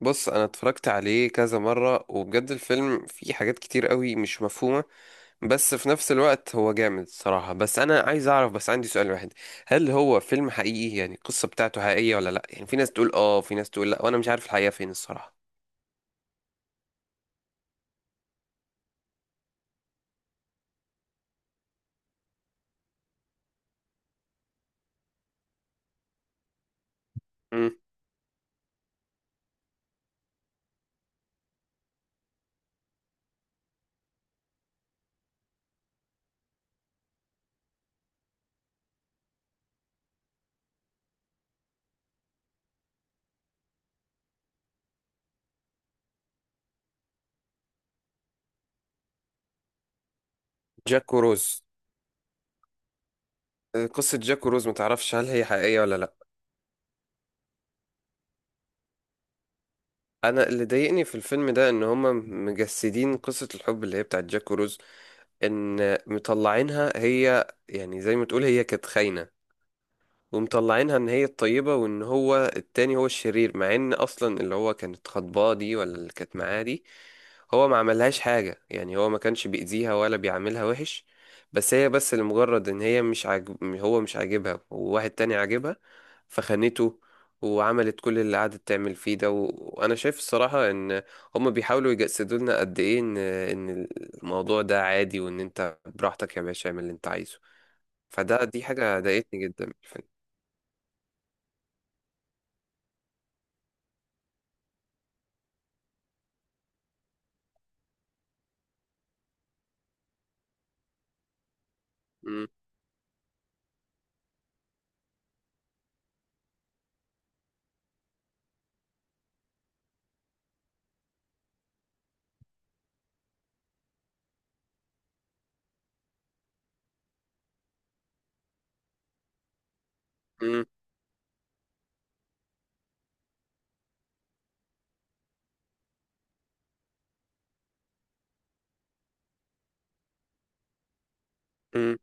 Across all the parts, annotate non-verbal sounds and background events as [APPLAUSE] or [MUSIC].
بص، انا اتفرجت عليه كذا مرة وبجد الفيلم فيه حاجات كتير قوي مش مفهومة. بس في نفس الوقت هو جامد صراحة، بس انا عايز اعرف، بس عندي سؤال واحد: هل هو فيلم حقيقي؟ يعني القصة بتاعته حقيقية ولا لا؟ يعني في ناس تقول اه، في ناس تقول لا، وانا مش عارف الحقيقة فين الصراحة. مم. جاك وروز. آه، قصة جاك وروز متعرفش هل هي حقيقية ولا لا. انا اللي ضايقني في الفيلم ده ان هما مجسدين قصة الحب اللي هي بتاعت جاك وروز، ان مطلعينها هي يعني زي ما تقول هي كانت خاينة، ومطلعينها ان هي الطيبة وان هو التاني هو الشرير، مع ان اصلا اللي هو كانت خطباه دي، ولا اللي كانت معاه دي، هو ما عملهاش حاجة. يعني هو ما كانش بيأذيها ولا بيعاملها وحش، بس هي بس لمجرد ان هي مش عاجب، هو مش عاجبها وواحد تاني عاجبها فخانته، وعملت كل اللي قعدت تعمل فيه ده، وانا شايف الصراحة ان هم بيحاولوا يجسدوا لنا قد ايه ان الموضوع ده عادي، وان انت براحتك يا باشا اعمل اللي انت عايزه. فده دي حاجة ضايقتني جدا في الفيلم. مم. مم.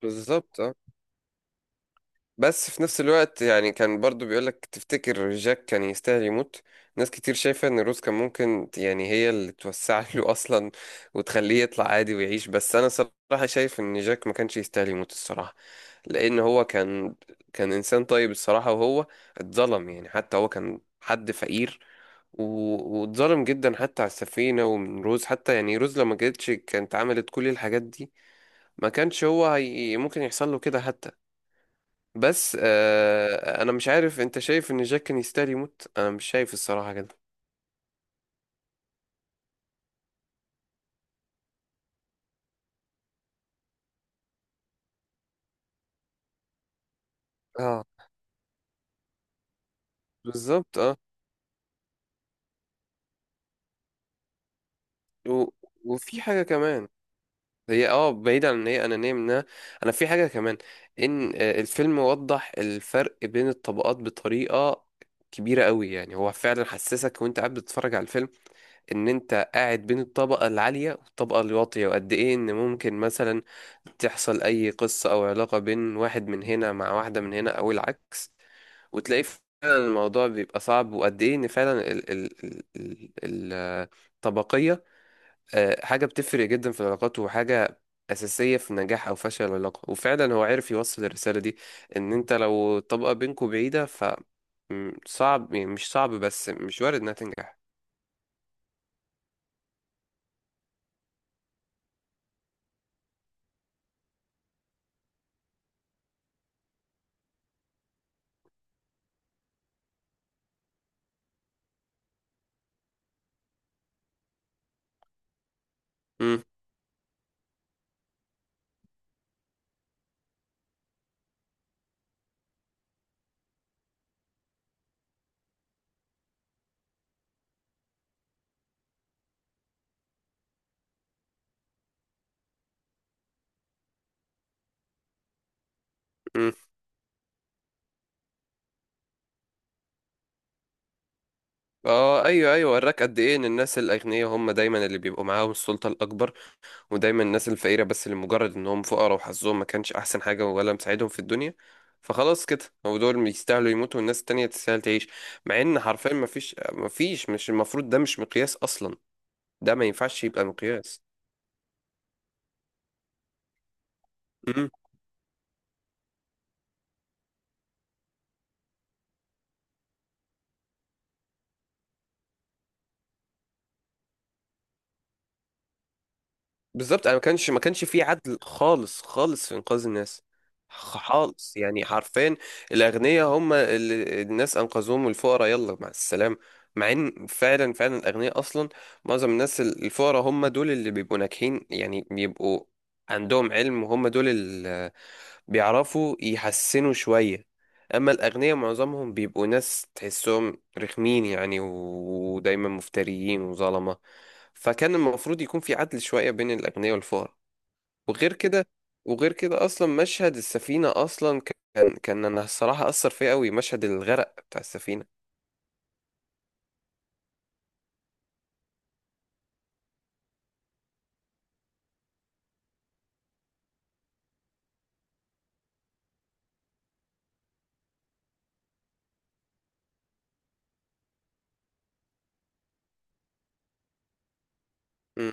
بالظبط اه. بس في نفس الوقت يعني كان برضو بيقولك تفتكر جاك كان يستاهل يموت؟ ناس كتير شايفة ان روز كان ممكن يعني هي اللي توسع [LAUGHS] له اصلا وتخليه يطلع عادي ويعيش، بس انا صراحة شايف ان جاك ما كانش يستاهل يموت الصراحة. لان هو كان كان انسان طيب الصراحة، وهو اتظلم، يعني حتى هو كان حد فقير، واتظلم جدا حتى على السفينة ومن روز. حتى يعني روز لما جتش كانت عملت كل الحاجات دي، ما كانش هو هي ممكن يحصل له كده حتى. بس آه، انا مش عارف، انت شايف ان جاك كان يستاهل يموت؟ انا مش شايف الصراحة كده. اه بالظبط اه، و... وفي حاجة كمان. هي اه بعيد عن ان هي انانية منها، انا في حاجة كمان: ان آه، الفيلم وضح الفرق بين الطبقات بطريقة كبيرة قوي. يعني هو فعلا حسسك وانت قاعد بتتفرج على الفيلم ان انت قاعد بين الطبقة العالية والطبقة الواطية، وقد ايه ان ممكن مثلا تحصل اي قصة او علاقة بين واحد من هنا مع واحدة من هنا او العكس، وتلاقي فعلا الموضوع بيبقى صعب، وقد ايه ان فعلا ال الطبقية آه، حاجة بتفرق جدا في العلاقات، وحاجة أساسية في نجاح أو فشل العلاقة. وفعلا هو عرف يوصل الرسالة دي: إن أنت لو الطبقة بينكوا بعيدة فصعب، مش صعب بس مش وارد إنها تنجح. مم. اه ايوه ايوه، وراك قد ايه ان الناس الاغنياء هم دايما اللي بيبقوا معاهم السلطه الاكبر، ودايما الناس الفقيره، بس لمجرد انهم فقراء وحظهم ما كانش احسن حاجه ولا مساعدهم في الدنيا فخلاص كده هو دول يستاهلوا يموتوا والناس التانية تستاهل تعيش. مع ان حرفيا ما فيش مش المفروض، ده مش مقياس اصلا، ده ما ينفعش يبقى مقياس. بالظبط، انا ما كانش في عدل خالص خالص في انقاذ الناس، خالص يعني حرفيا. الاغنياء هم اللي الناس انقذوهم، والفقراء يلا مع السلامه. مع ان فعلا فعلا الاغنياء اصلا، معظم الناس الفقراء هم دول اللي بيبقوا ناجحين، يعني بيبقوا عندهم علم، وهم دول اللي بيعرفوا يحسنوا شويه. اما الاغنياء معظمهم بيبقوا ناس تحسهم رخمين، يعني ودايما مفتريين وظلمه. فكان المفروض يكون في عدل شوية بين الأغنياء والفقراء. وغير كده، وغير كده أصلا مشهد السفينة، أصلا كان كان أنا الصراحة أثر فيا أوي مشهد الغرق بتاع السفينة. م-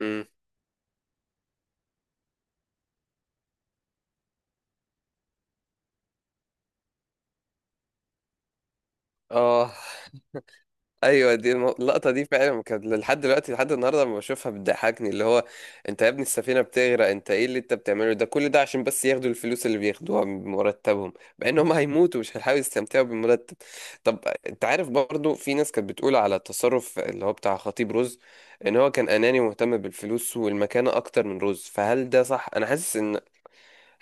م. آه ايوه، دي اللقطه دي فعلا كانت لحد دلوقتي، لحد النهارده لما بشوفها بتضحكني، اللي هو، انت يا ابني السفينه بتغرق، انت ايه اللي انت بتعمله ده؟ كل ده عشان بس ياخدوا الفلوس اللي بياخدوها من مرتبهم، مع ان هم هيموتوا مش هيحاولوا يستمتعوا بالمرتب. طب انت عارف برضو في ناس كانت بتقول على التصرف اللي هو بتاع خطيب رز ان هو كان اناني ومهتم بالفلوس والمكانه اكتر من رز، فهل ده صح؟ انا حاسس ان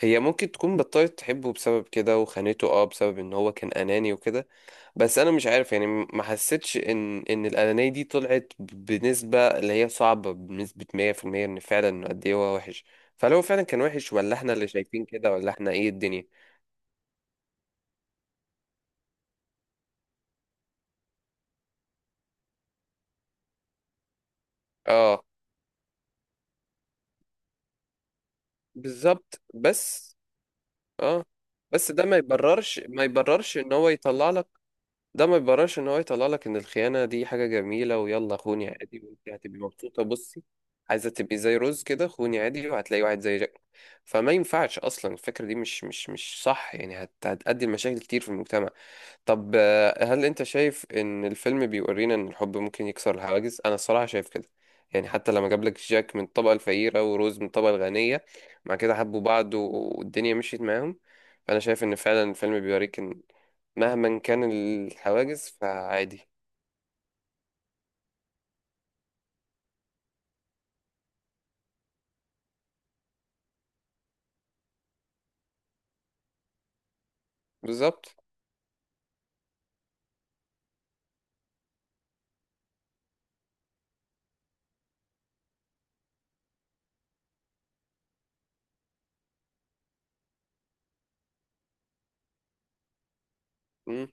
هي ممكن تكون بطلت تحبه بسبب كده وخانته، اه بسبب ان هو كان اناني وكده. بس انا مش عارف، يعني ما حسيتش ان الانانيه دي طلعت بنسبه اللي هي صعبه، بنسبه 100% ان فعلا إنه قد ايه هو وحش. فهل هو فعلا كان وحش ولا احنا اللي شايفين كده، ولا احنا ايه الدنيا؟ اه بالظبط. بس اه بس ده ما يبررش ان هو يطلع لك، ده ما يبررش ان هو يطلع لك ان الخيانه دي حاجه جميله، ويلا خوني عادي وانت هتبقي مبسوطه. بصي، عايزه تبقي زي روز كده، خوني عادي وهتلاقي واحد زي جاك؟ فما ينفعش اصلا، الفكره دي مش صح، يعني هتؤدي لمشاكل كتير في المجتمع. طب آه، هل انت شايف ان الفيلم بيورينا ان الحب ممكن يكسر الحواجز؟ انا الصراحه شايف كده، يعني حتى لما جاب لك جاك من الطبقه الفقيره وروز من الطبقه الغنيه، مع كده حبوا بعض والدنيا مشيت معاهم، فانا شايف ان فعلا الفيلم بيوريك ان مهما كان الحواجز فعادي. بالظبط. مم.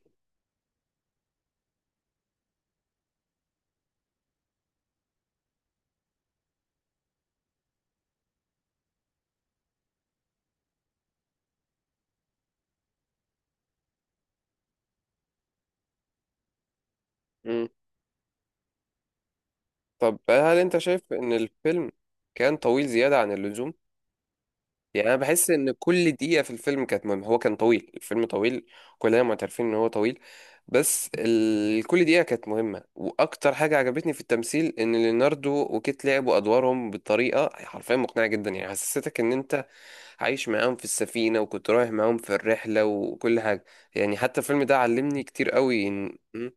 مم. طب هل انت شايف ان الفيلم كان طويل زياده عن اللزوم؟ يعني انا بحس ان كل دقيقه في الفيلم كانت مهمه. هو كان طويل، الفيلم طويل، كلنا معترفين ان هو طويل، بس ال... كل دقيقه كانت مهمه. واكتر حاجه عجبتني في التمثيل ان ليوناردو وكيت لعبوا ادوارهم بطريقه حرفيا مقنعه جدا، يعني حسستك ان انت عايش معاهم في السفينه، وكنت رايح معاهم في الرحله وكل حاجه. يعني حتى الفيلم ده علمني كتير قوي إن... م-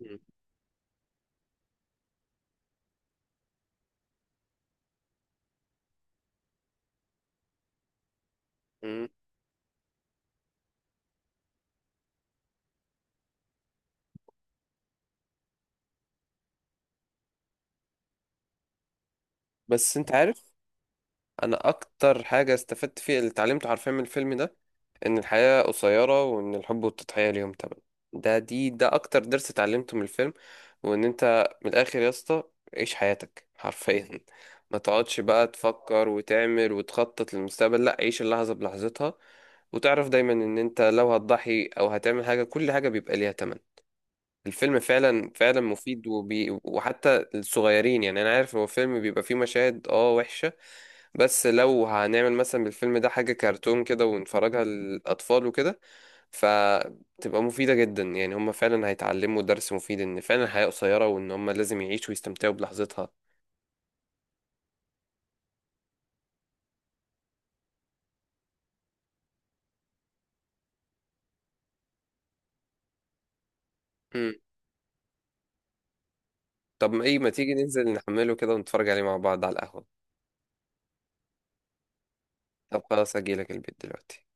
م- م. بس انت عارف، انا اكتر حاجه استفدت فيها اللي اتعلمته حرفيا من الفيلم ده ان الحياة قصيرة وان الحب والتضحية ليهم تمن. ده اكتر درس اتعلمته من الفيلم. وان انت من الاخر يا اسطى، عيش حياتك حرفيا، ما تقعدش بقى تفكر وتعمل وتخطط للمستقبل. لا، عيش اللحظة بلحظتها، وتعرف دايما ان انت لو هتضحي او هتعمل حاجة كل حاجة بيبقى ليها تمن. الفيلم فعلا فعلا مفيد، وحتى الصغيرين. يعني انا عارف هو فيلم بيبقى فيه مشاهد اه وحشة، بس لو هنعمل مثلا بالفيلم ده حاجة كرتون كده ونفرجها للاطفال وكده فتبقى مفيدة جدا، يعني هم فعلا هيتعلموا درس مفيد ان فعلا الحياة قصيرة وان هم لازم يعيشوا ويستمتعوا بلحظتها. مم. طب ايه ما تيجي ننزل نحمله كده ونتفرج عليه مع بعض على القهوة؟ طب خلاص، اجيلك البيت دلوقتي.